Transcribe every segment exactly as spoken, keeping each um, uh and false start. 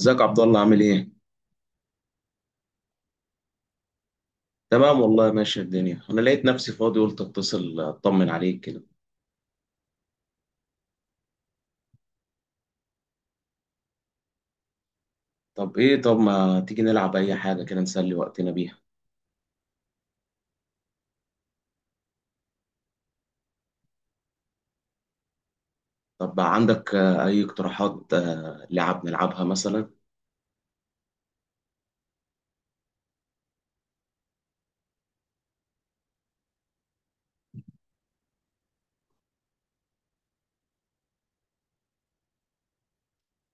ازيك عبد الله، عامل ايه؟ تمام والله، ماشية الدنيا. انا لقيت نفسي فاضي قلت اتصل اطمن عليك كده. طب ايه طب ما تيجي نلعب اي حاجة كده نسلي وقتنا بيها؟ طب عندك آه، اي اقتراحات آه، لعب نلعبها مثلا؟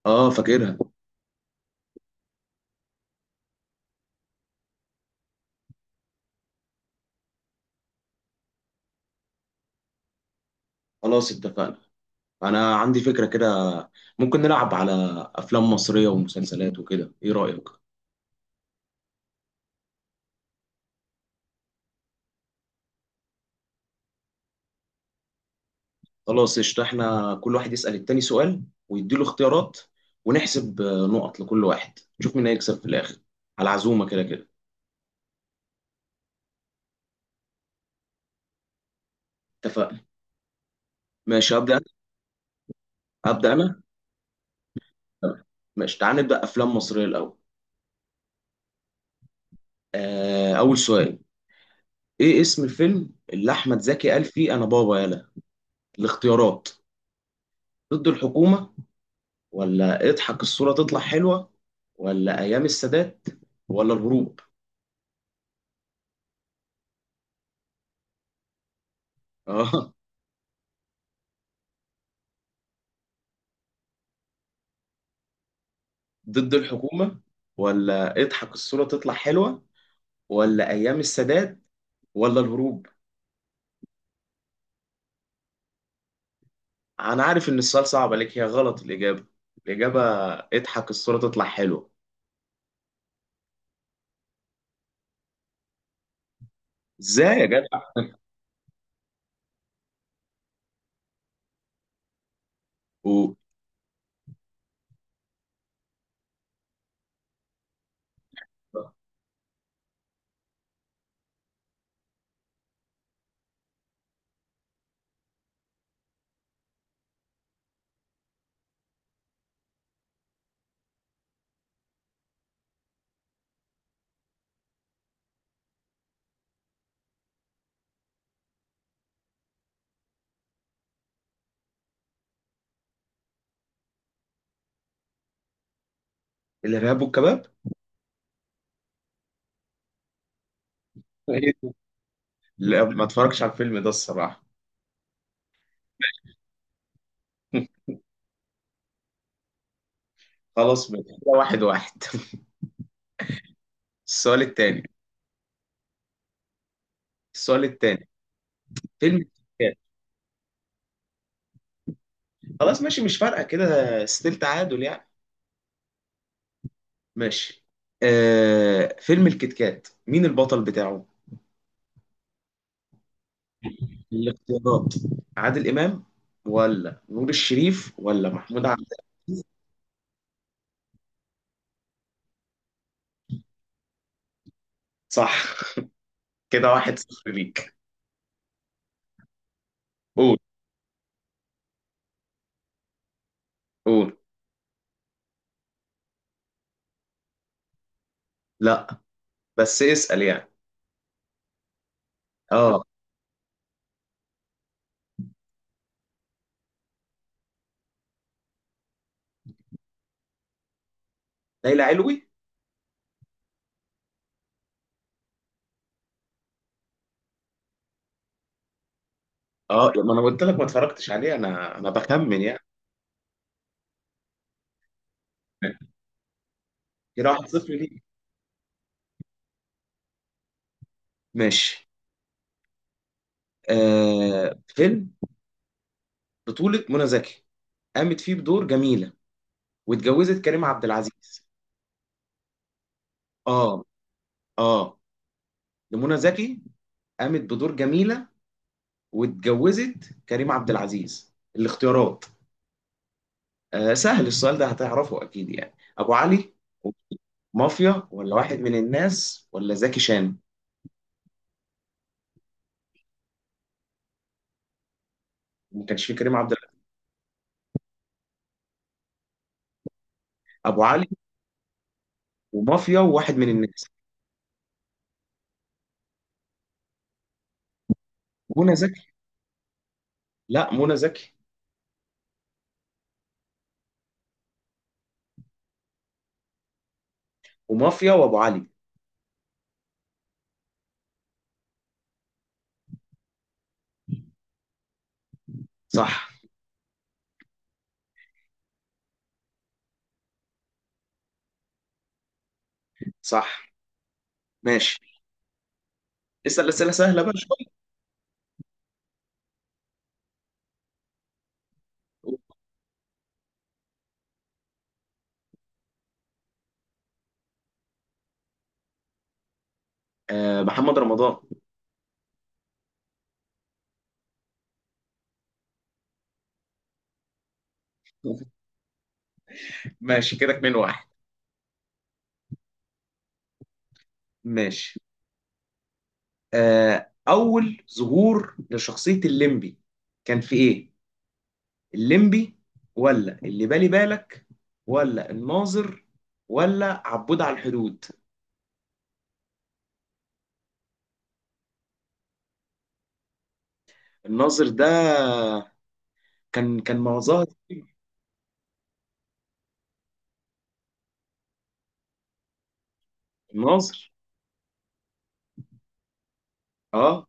اه، فاكرها. خلاص اتفقنا. انا عندي فكرة كده، ممكن نلعب على افلام مصرية ومسلسلات وكده، ايه رأيك؟ خلاص قشطة. احنا كل واحد يسأل التاني سؤال ويديله اختيارات ونحسب آه، نقط لكل واحد نشوف مين هيكسب في الاخر، على عزومة كده كده. اتفقنا. ماشي، ابدا. ابدا انا. تمام. ماشي، تعال نبدا افلام مصريه الاول. آه، اول سؤال: ايه اسم الفيلم اللي احمد زكي قال فيه انا بابا؟ يلا، الاختيارات: ضد الحكومه، ولا اضحك الصوره تطلع حلوه، ولا ايام السادات، ولا الهروب. اه، ضد الحكومه، ولا اضحك الصوره تطلع حلوه، ولا ايام السادات، ولا الهروب. انا عارف ان السؤال صعب عليك. هي غلط الاجابه. الاجابه اضحك الصوره تطلع حلوه. ازاي يا جدع؟ الارهاب والكباب. إيه ده؟ لا، ما اتفرجش على الفيلم ده الصراحه. خلاص بقى، كده واحد واحد. السؤال التاني. السؤال التاني. فيلم الكيت كات. خلاص ماشي، مش فارقه كده، ستيل تعادل يعني. ماشي. آه، فيلم الكيت كات مين البطل بتاعه؟ الاختيارات: عادل امام، ولا نور الشريف، ولا محمود عبد. صح. كده واحد صفر ليك. قول. قول. لا، بس اسأل يعني. اه. ليلى علوي. اه، ما انا قلت لك ما اتفرجتش عليه، انا انا بخمن يعني. كده واحد صفر ليك. ماشي. آه، فيلم بطولة منى زكي، قامت فيه بدور جميلة واتجوزت كريم عبد العزيز. اه. اه. ده منى زكي، قامت بدور جميلة واتجوزت كريم عبد العزيز. الاختيارات: آه، سهل السؤال ده، هتعرفه أكيد يعني. أبو علي، مافيا، ولا واحد من الناس، ولا زكي شان. ما كانش فيه كريم عبد العزيز. أبو علي، ومافيا، وواحد من الناس. منى زكي. لا، منى زكي. ومافيا وأبو علي. صح. صح. ماشي. اسال اسئله سهله بقى شويه. آه، محمد رمضان. ماشي، كده اتنين واحد. ماشي. آه، اول ظهور لشخصيه الليمبي كان في ايه؟ الليمبي، ولا اللي بالي بالك، ولا الناظر، ولا عبود على الحدود. الناظر ده كان كان معظمها. الناظر. اه.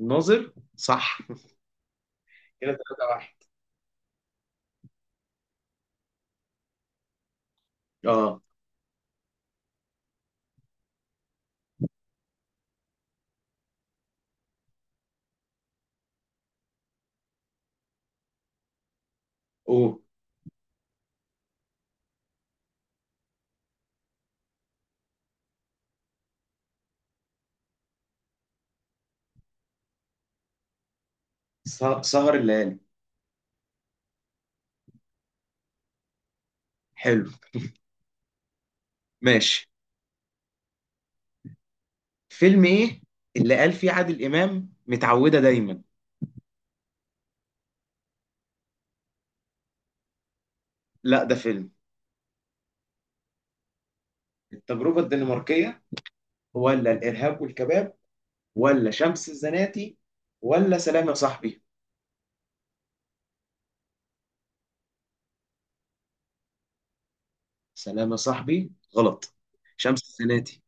الناظر صح. كده تلاتة واحد. اه. اوه. سه- سهر الليالي. حلو. ماشي. فيلم ايه اللي قال فيه عادل امام متعوده دايما؟ لا، ده فيلم. التجربه الدنماركيه، ولا الارهاب والكباب، ولا شمس الزناتي، ولا سلام يا صاحبي. سلام يا صاحبي غلط. شمس الزناتي.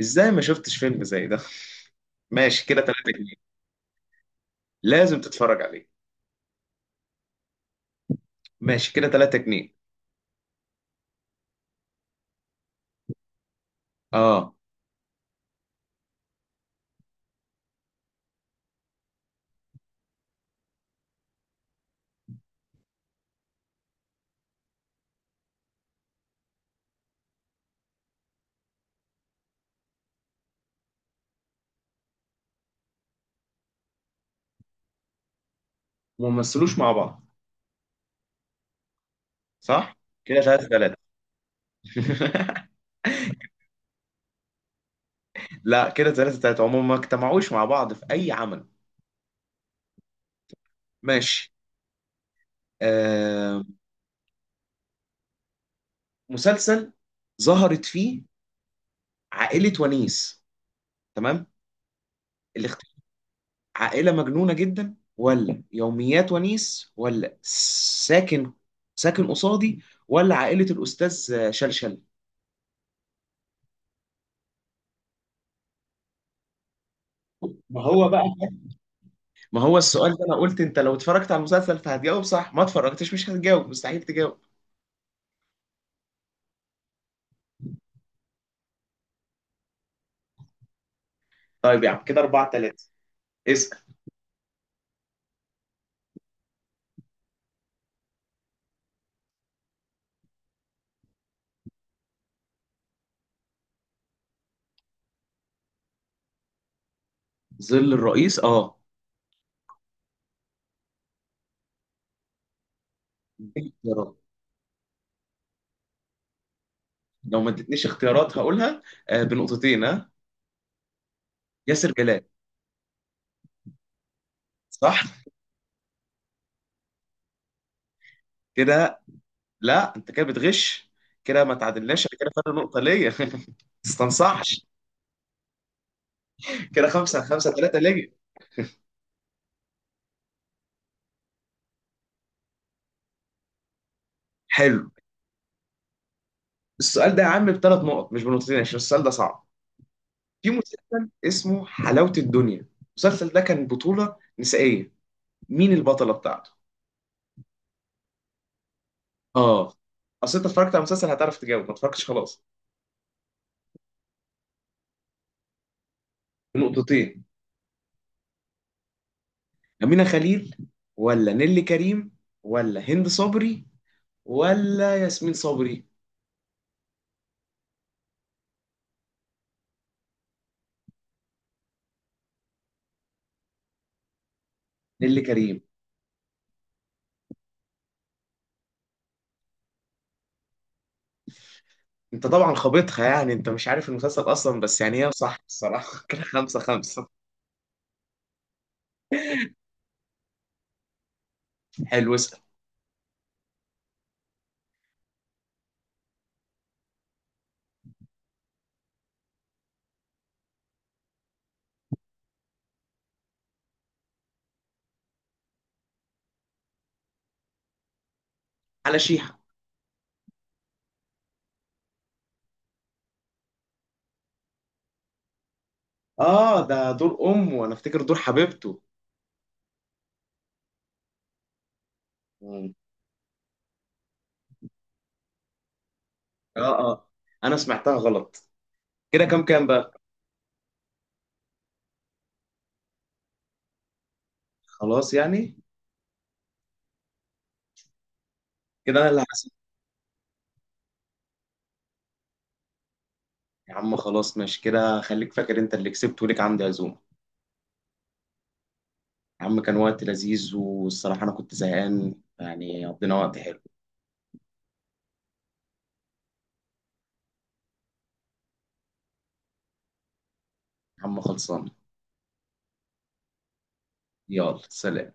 ازاي ما شفتش فيلم زي ده؟ ماشي، كده تلاتة جنيه. لازم تتفرج عليه. ماشي، كده تلاتة جنيه. اه، وممثلوش مع بعض. صح. كده تلاتة تلاتة. لا، كده تلاتة تلاتة عموما، ما اجتمعوش مع بعض في اي عمل. ماشي. آه، مسلسل ظهرت فيه عائلة ونيس. تمام. الاخت... عائلة مجنونة جدا، ولا يوميات ونيس، ولا ساكن، ساكن قصادي، ولا عائلة الأستاذ شلشل. ما هو بقى. ما هو السؤال ده، أنا قلت أنت لو اتفرجت على المسلسل فهتجاوب صح، ما اتفرجتش مش هتجاوب، مستحيل تجاوب. طيب يا عم كده أربعة تلاتة. اسأل. ظل الرئيس أه. اديني اختيارات، لو ما ادتنيش اختيارات هقولها. آه، بنقطتين ها. ياسر جلال. صح. كده. لا، انت كده بتغش، كده ما تعادلناش، انا كده فاضل نقطه ليا. ما تستنصحش. كده خمسه خمسه، ثلاثه ليا. حلو. السؤال ده يا عم بثلاث نقط مش بنقطتين عشان السؤال ده صعب. في مسلسل اسمه حلاوه الدنيا، المسلسل ده كان بطوله نسائيه، مين البطله بتاعته؟ اه. اصل انت اتفرجت على المسلسل هتعرف تجاوب، ما اتفرجتش خلاص. نقطتين. امينه خليل، ولا نيلي كريم، ولا هند صبري، ولا ياسمين صبري. نيلي كريم. انت طبعا خابطها يعني، انت مش عارف المسلسل اصلا، بس يعني هي صح الصراحه. كده خمسة خمسة. حلو، اسأل. على شيحة. اه، ده دور امه وانا افتكر دور حبيبته. مم. اه. اه، انا سمعتها غلط. كده كام كام بقى؟ خلاص يعني. كده انا اللي هسيب. يا عم خلاص ماشي، كده خليك فاكر انت اللي كسبت وليك عندي عزومه. يا عم كان وقت لذيذ، والصراحه انا كنت زهقان يعني، قضينا وقت حلو. يا عم خلصان. يلا سلام.